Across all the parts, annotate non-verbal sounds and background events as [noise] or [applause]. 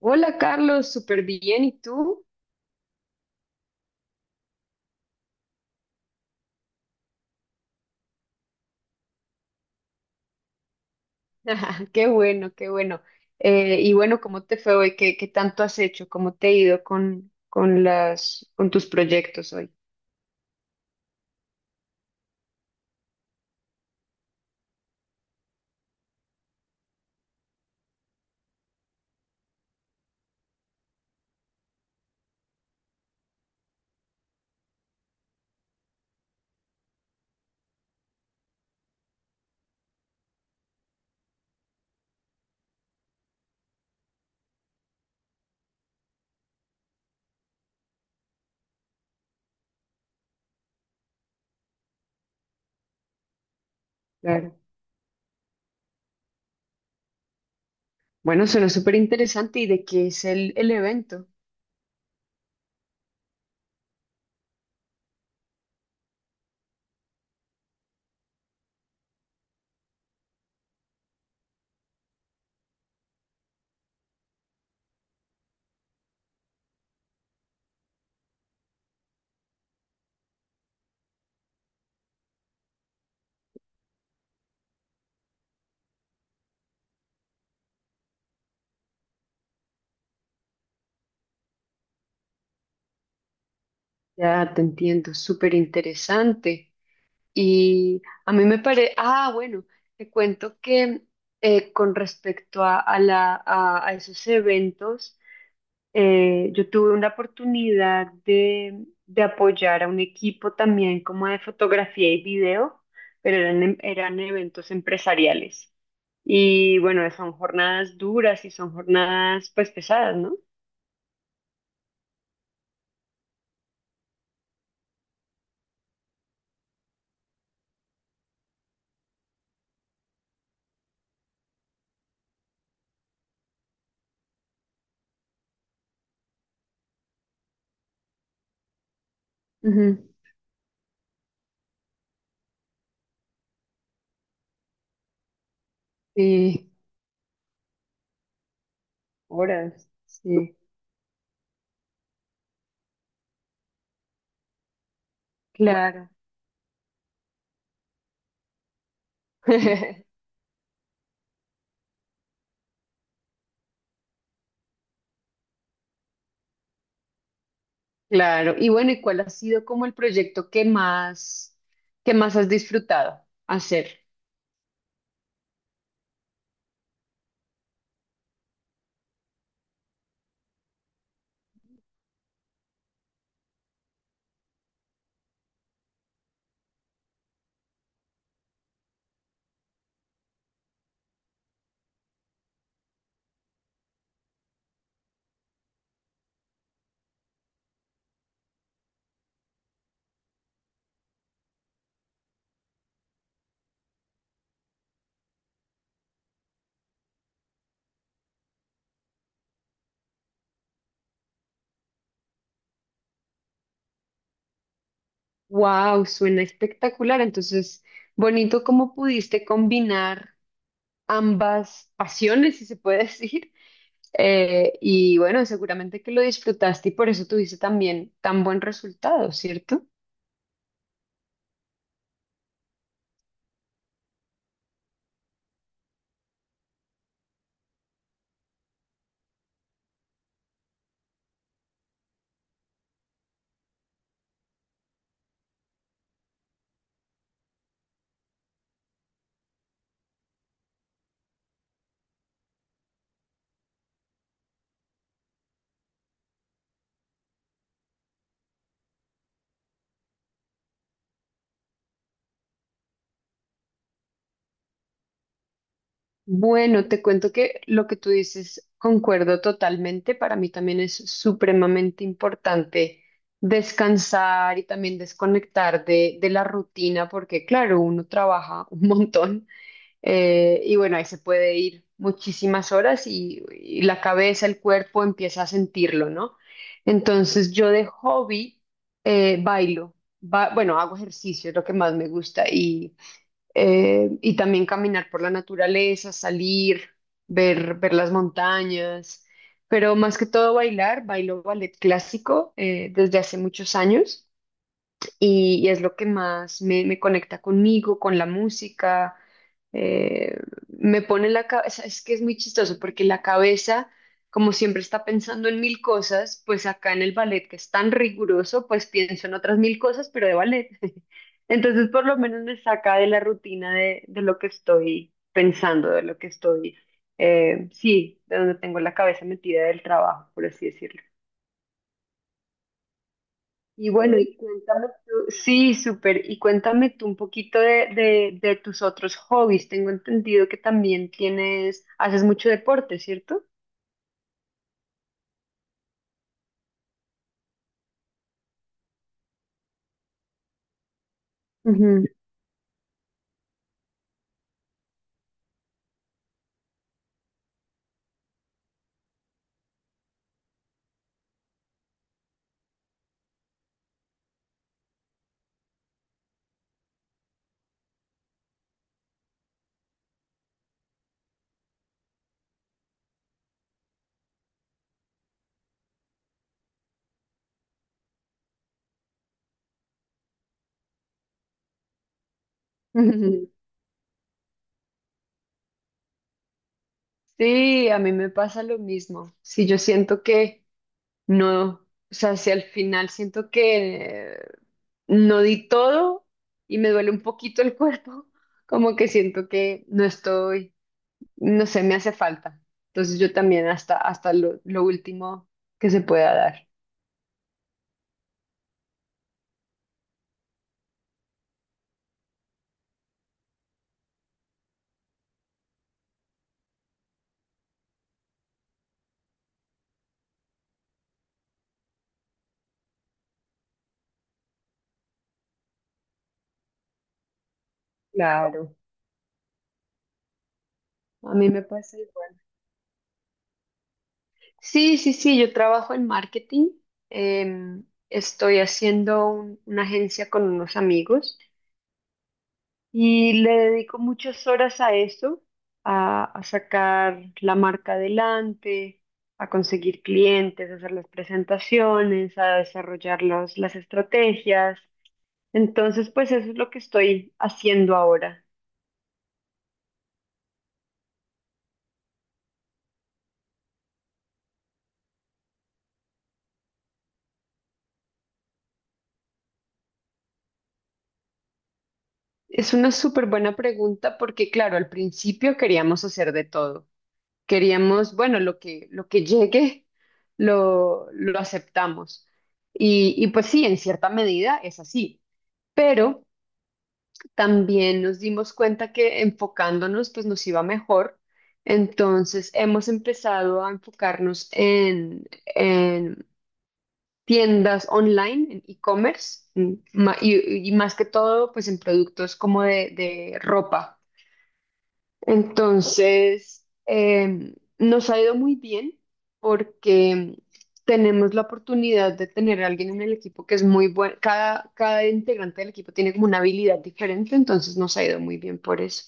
Hola Carlos, súper bien. ¿Y tú? [laughs] Qué bueno, qué bueno. Y bueno, ¿cómo te fue hoy? ¿Qué tanto has hecho? ¿Cómo te ha ido con tus proyectos hoy? Claro. Bueno, suena súper interesante. ¿Y de qué es el evento? Ya te entiendo, súper interesante. Y a mí me parece, ah, bueno, te cuento que con respecto a la, a esos eventos, yo tuve una oportunidad de apoyar a un equipo también como de fotografía y video, pero eran eventos empresariales. Y bueno, son jornadas duras y son jornadas pues pesadas, ¿no? Ujú. Sí. Horas, sí, claro. [laughs] Claro. Y bueno, ¿y cuál ha sido como el proyecto que más has disfrutado hacer? Wow, suena espectacular. Entonces, bonito cómo pudiste combinar ambas pasiones, si se puede [laughs] decir. Y bueno, seguramente que lo disfrutaste y por eso tuviste también tan buen resultado, ¿cierto? Bueno, te cuento que lo que tú dices concuerdo totalmente. Para mí también es supremamente importante descansar y también desconectar de la rutina, porque claro, uno trabaja un montón. Y bueno, ahí se puede ir muchísimas horas y la cabeza, el cuerpo empieza a sentirlo, ¿no? Entonces yo de hobby bailo, bueno, hago ejercicio, es lo que más me gusta y también caminar por la naturaleza, salir, ver las montañas, pero más que todo bailar, bailo ballet clásico desde hace muchos años y es lo que más me conecta conmigo, con la música. eh, me pone la cabeza, es que es muy chistoso porque la cabeza, como siempre está pensando en mil cosas, pues acá en el ballet, que es tan riguroso, pues pienso en otras mil cosas, pero de ballet. [laughs] Entonces, por lo menos me saca de la rutina de lo que estoy pensando, de lo que estoy, sí, de donde tengo la cabeza metida del trabajo, por así decirlo. Y bueno, y cuéntame tú, sí, súper, y cuéntame tú un poquito de tus otros hobbies. Tengo entendido que también tienes, haces mucho deporte, ¿cierto? Ujú, ujú. Sí, a mí me pasa lo mismo. Sí, yo siento que no, o sea, si al final siento que no di todo y me duele un poquito el cuerpo, [laughs] como que siento que no estoy, no sé, me hace falta. Entonces yo también hasta lo último que se pueda dar. Claro, a mí me pasa igual. Sí, yo trabajo en marketing. em, estoy haciendo una agencia con unos amigos y le dedico muchas horas a eso, a sacar la marca adelante, a conseguir clientes, a hacer las presentaciones, a desarrollar las estrategias. Entonces, pues eso es lo que estoy haciendo ahora. Es una súper buena pregunta porque, claro, al principio queríamos hacer de todo. Queríamos, bueno, lo que llegue, lo aceptamos. Y pues sí, en cierta medida es así, pero también nos dimos cuenta que enfocándonos, pues nos iba mejor. Entonces hemos empezado a enfocarnos en tiendas online, en e-commerce, y más que todo, pues en productos como de ropa. Entonces, nos ha ido muy bien porque tenemos la oportunidad de tener a alguien en el equipo que es muy bueno. Cada integrante del equipo tiene como una habilidad diferente, entonces nos ha ido muy bien por eso.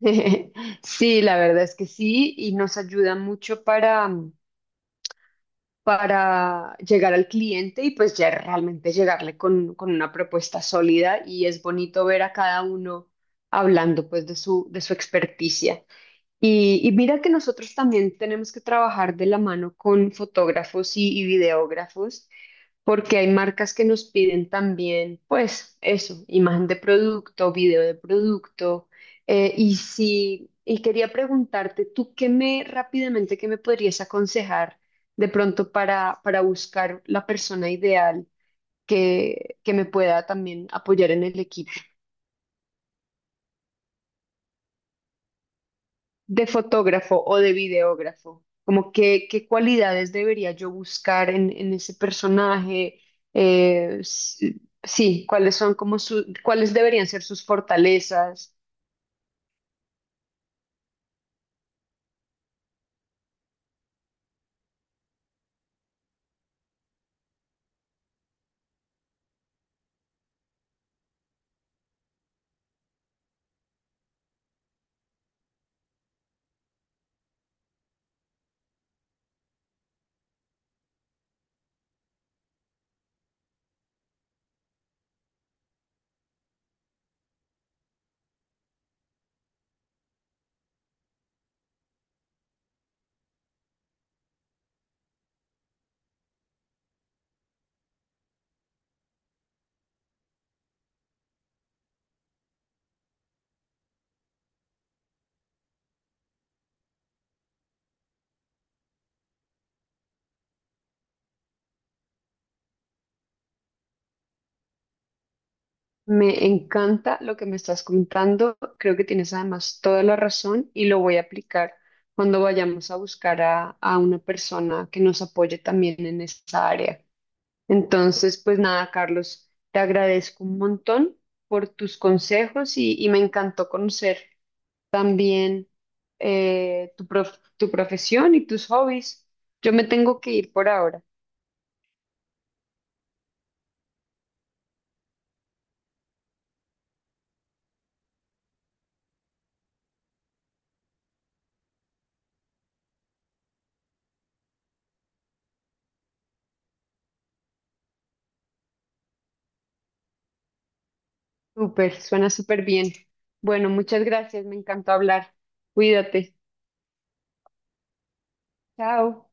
[laughs] Sí, la verdad es que sí, y nos ayuda mucho para, para llegar al cliente y pues ya realmente llegarle con una propuesta sólida y es bonito ver a cada uno hablando pues de su experticia. Y mira que nosotros también tenemos que trabajar de la mano con fotógrafos y videógrafos, porque hay marcas que nos piden también, pues eso, imagen de producto, video de producto. Y si, y quería preguntarte, ¿tú qué me rápidamente qué me podrías aconsejar de pronto para buscar la persona ideal que me pueda también apoyar en el equipo? ¿De fotógrafo o de videógrafo? Como qué cualidades debería yo buscar en ese personaje? Eh, s- sí, cuáles son como su, cuáles deberían ser sus fortalezas. Me encanta lo que me estás contando. Creo que tienes además toda la razón y lo voy a aplicar cuando vayamos a buscar a una persona que nos apoye también en esa área. Entonces, pues nada, Carlos, te agradezco un montón por tus consejos y me encantó conocer también tu profesión y tus hobbies. Yo me tengo que ir por ahora. Súper, suena súper bien. Bueno, muchas gracias, me encantó hablar. Cuídate. Chao.